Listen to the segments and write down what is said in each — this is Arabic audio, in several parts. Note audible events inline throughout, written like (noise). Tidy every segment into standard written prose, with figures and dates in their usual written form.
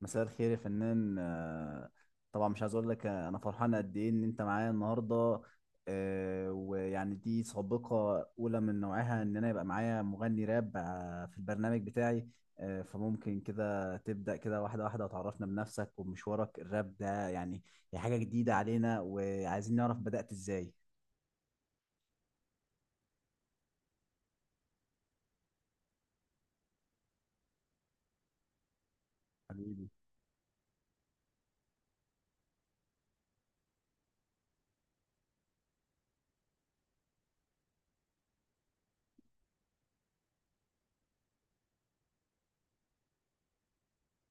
مساء الخير يا فنان. طبعا مش عايز اقول لك انا فرحان قد ايه ان انت معايا النهارده. ويعني دي سابقه اولى من نوعها ان انا يبقى معايا مغني راب في البرنامج بتاعي. فممكن كده تبدا كده واحده واحده وتعرفنا بنفسك ومشوارك الراب ده. يعني هي حاجه جديده علينا وعايزين نعرف بدات ازاي؟ حبيبي.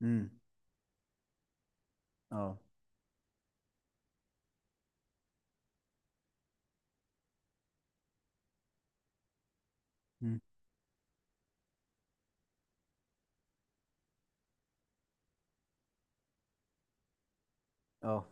امم. اه. امم. اه.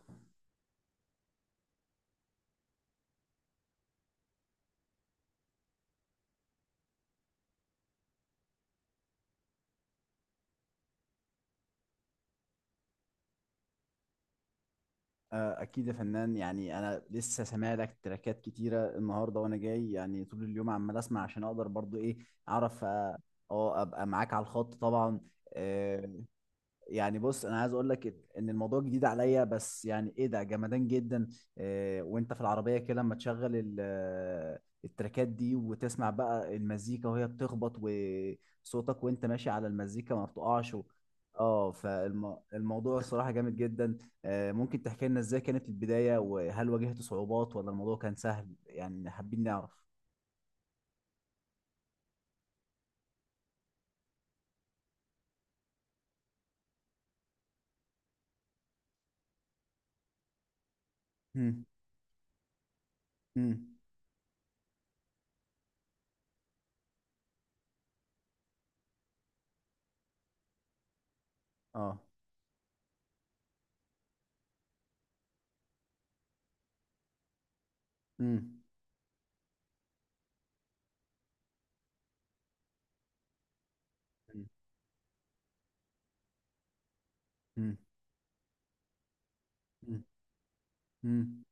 اكيد يا فنان. يعني انا لسه سامع لك تراكات كتيره النهارده وانا جاي يعني طول اليوم عمال اسمع عشان اقدر برضو ايه اعرف. اه. ابقى معاك على الخط طبعا. آه، يعني بص انا عايز اقول لك ان الموضوع جديد عليا، بس يعني ايه ده جمدان جدا. إيه وانت في العربيه كده لما تشغل التراكات دي وتسمع بقى المزيكا وهي بتخبط وصوتك وانت ماشي على المزيكا ما بتقعش و. اه. فالموضوع الصراحه جامد جدا. ممكن تحكي لنا ازاي كانت البدايه، وهل واجهت صعوبات ولا الموضوع كان سهل؟ يعني حابين نعرف. مم. مم. اه. مم. مم. مم. مم.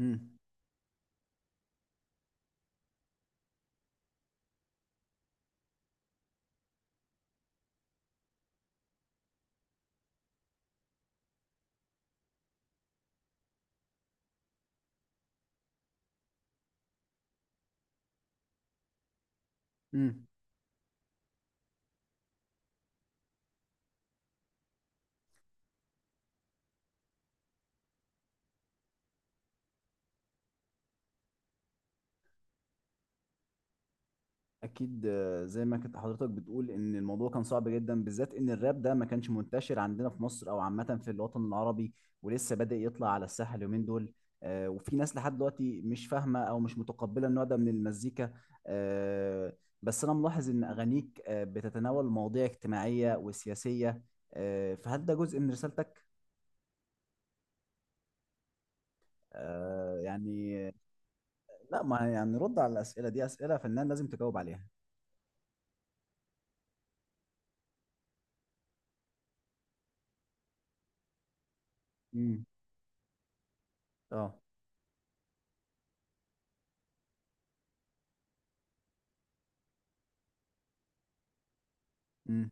مم. مم. اكيد. زي ما كنت حضرتك بتقول ان الموضوع كان صعب جدا، بالذات ان الراب ده ما كانش منتشر عندنا في مصر او عامه في الوطن العربي، ولسه بادئ يطلع على الساحه اليومين دول. وفي ناس لحد دلوقتي مش فاهمه او مش متقبله النوع ده من المزيكا. آه، بس انا ملاحظ ان اغانيك بتتناول مواضيع اجتماعيه وسياسيه. فهل ده جزء من رسالتك؟ يعني. لا. ما يعني رد على الاسئله دي، اسئله فنان لازم تجاوب عليها. امم. اه. امم.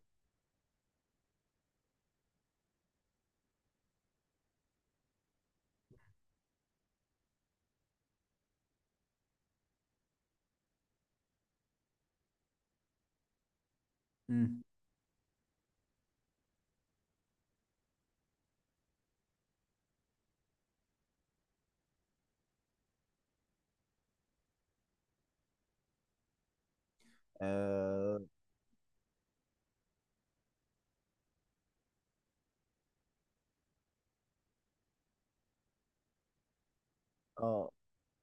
امم. اه.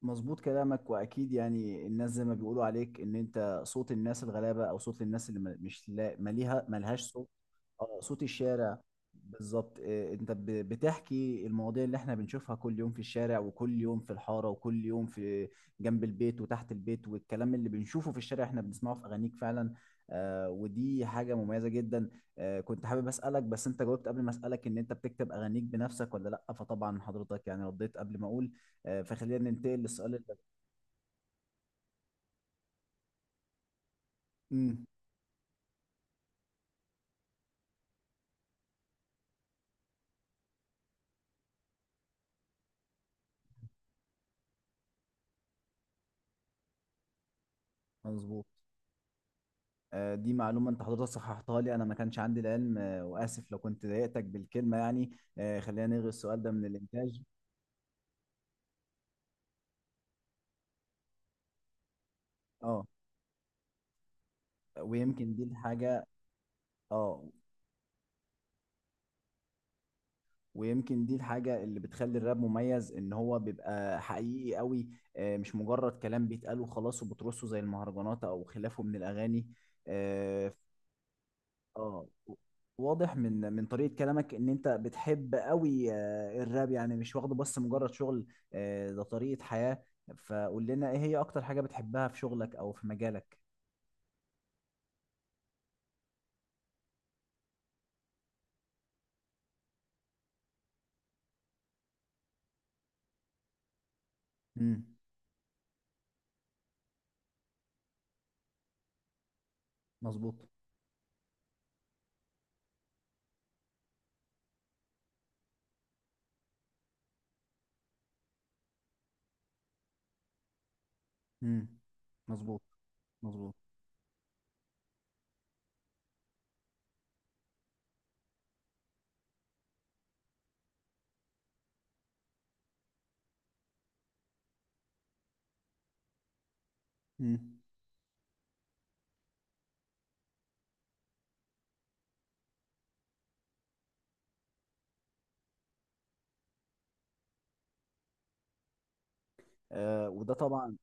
مظبوط كلامك. واكيد يعني الناس زي ما بيقولوا عليك ان انت صوت الناس الغلابه، او صوت الناس اللي م- مش لا مليها ملهاش صوت. اه، صوت الشارع. بالظبط. انت بتحكي المواضيع اللي احنا بنشوفها كل يوم في الشارع، وكل يوم في الحاره، وكل يوم في جنب البيت وتحت البيت، والكلام اللي بنشوفه في الشارع احنا بنسمعه في اغانيك فعلا. ودي حاجه مميزه جدا. كنت حابب اسالك، بس انت جاوبت قبل ما اسالك ان انت بتكتب اغانيك بنفسك ولا لا. فطبعا حضرتك يعني رديت قبل ما اقول. فخلينا ننتقل للسؤال اللي. امم. مظبوط. دي معلومة انت حضرتك صححتها لي، انا ما كانش عندي العلم. واسف لو كنت ضايقتك بالكلمة يعني. خلينا نلغي السؤال ده من الانتاج. اه. ويمكن دي الحاجة. اه. ويمكن دي الحاجة اللي بتخلي الراب مميز ان هو بيبقى حقيقي قوي. مش مجرد كلام بيتقال وخلاص وبترصه زي المهرجانات او خلافه من الاغاني. آه، اه. واضح من طريقة كلامك ان انت بتحب قوي الراب. يعني مش واخده بس مجرد شغل. ده طريقة حياة. فقول لنا ايه هي اكتر حاجة بتحبها في شغلك او في مجالك؟ امم. مظبوط. امم. مظبوط. مظبوط. امم. وده طبعا.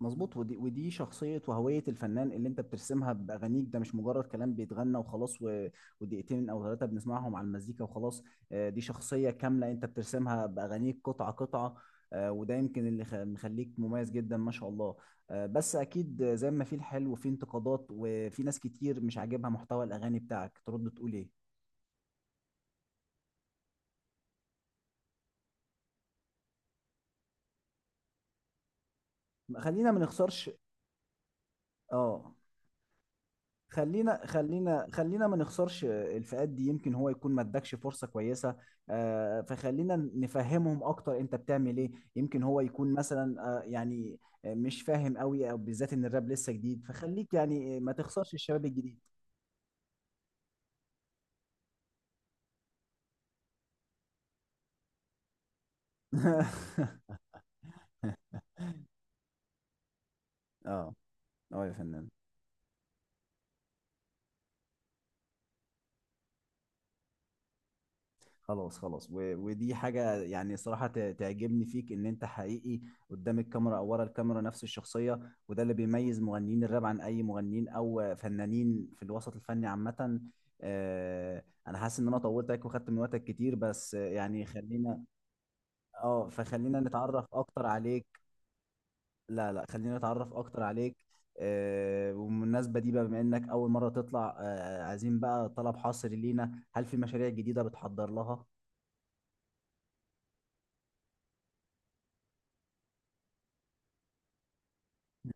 مظبوط. ودي شخصية وهوية الفنان اللي انت بترسمها بأغانيك، ده مش مجرد كلام بيتغنى وخلاص و. ودقيقتين او ثلاثة بنسمعهم على المزيكا وخلاص. دي شخصية كاملة انت بترسمها بأغانيك قطعة قطعة. وده يمكن اللي مخليك مميز جدا ما شاء الله. بس اكيد زي ما في الحلو وفي انتقادات وفي ناس كتير مش عاجبها محتوى الأغاني بتاعك. ترد تقول ايه؟ خلينا ما نخسرش. اه. خلينا ما نخسرش الفئات دي، يمكن هو يكون ما ادكش فرصة كويسة. فخلينا نفهمهم اكتر انت بتعمل ايه. يمكن هو يكون مثلا، يعني مش فاهم قوي، او بالذات ان الراب لسه جديد، فخليك يعني ما تخسرش الشباب الجديد. (laughs) اه. اه يا فنان. خلاص، خلاص و. ودي حاجة يعني صراحة تعجبني فيك ان انت حقيقي قدام الكاميرا او ورا الكاميرا، نفس الشخصية. وده اللي بيميز مغنيين الراب عن اي مغنيين او فنانين في الوسط الفني عامة. انا حاسس ان انا طولت عليك وخدت من وقتك كتير، بس يعني خلينا. اه. فخلينا نتعرف اكتر عليك. لا، لا، خلينا نتعرف اكتر عليك. وبالمناسبة دي بقى، بما انك اول مرة تطلع، عايزين بقى طلب حصري لينا. هل في مشاريع جديدة بتحضر لها؟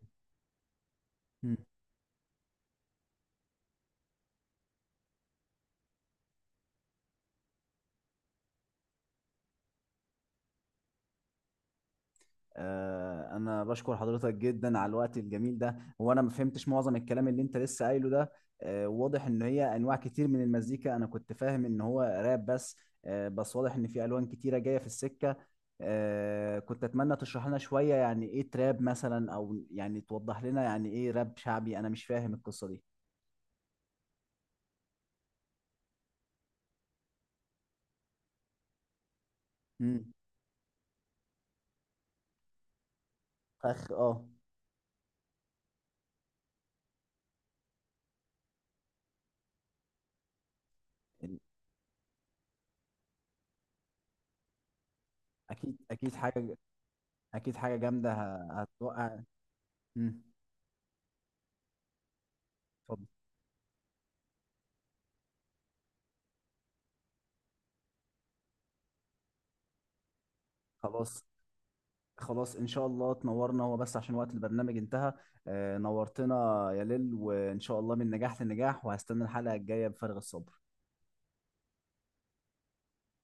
انا بشكر حضرتك جدا على الوقت الجميل ده. هو انا ما فهمتش معظم الكلام اللي انت لسه قايله ده. واضح ان هي انواع كتير من المزيكا، انا كنت فاهم ان هو راب بس. بس واضح ان في الوان كتيره جايه في السكه. كنت اتمنى تشرح لنا شويه يعني ايه تراب مثلا، او يعني توضح لنا يعني ايه راب شعبي. انا مش فاهم القصه دي. امم. فخ. اه. اكيد، اكيد حاجه. اكيد حاجه جامده هتوقع. امم. اتفضل. خلاص، خلاص. ان شاء الله تنورنا، هو بس عشان وقت البرنامج انتهى. نورتنا يا ليل، وان شاء الله من نجاح لنجاح، وهستنى الحلقة الجاية بفارغ الصبر.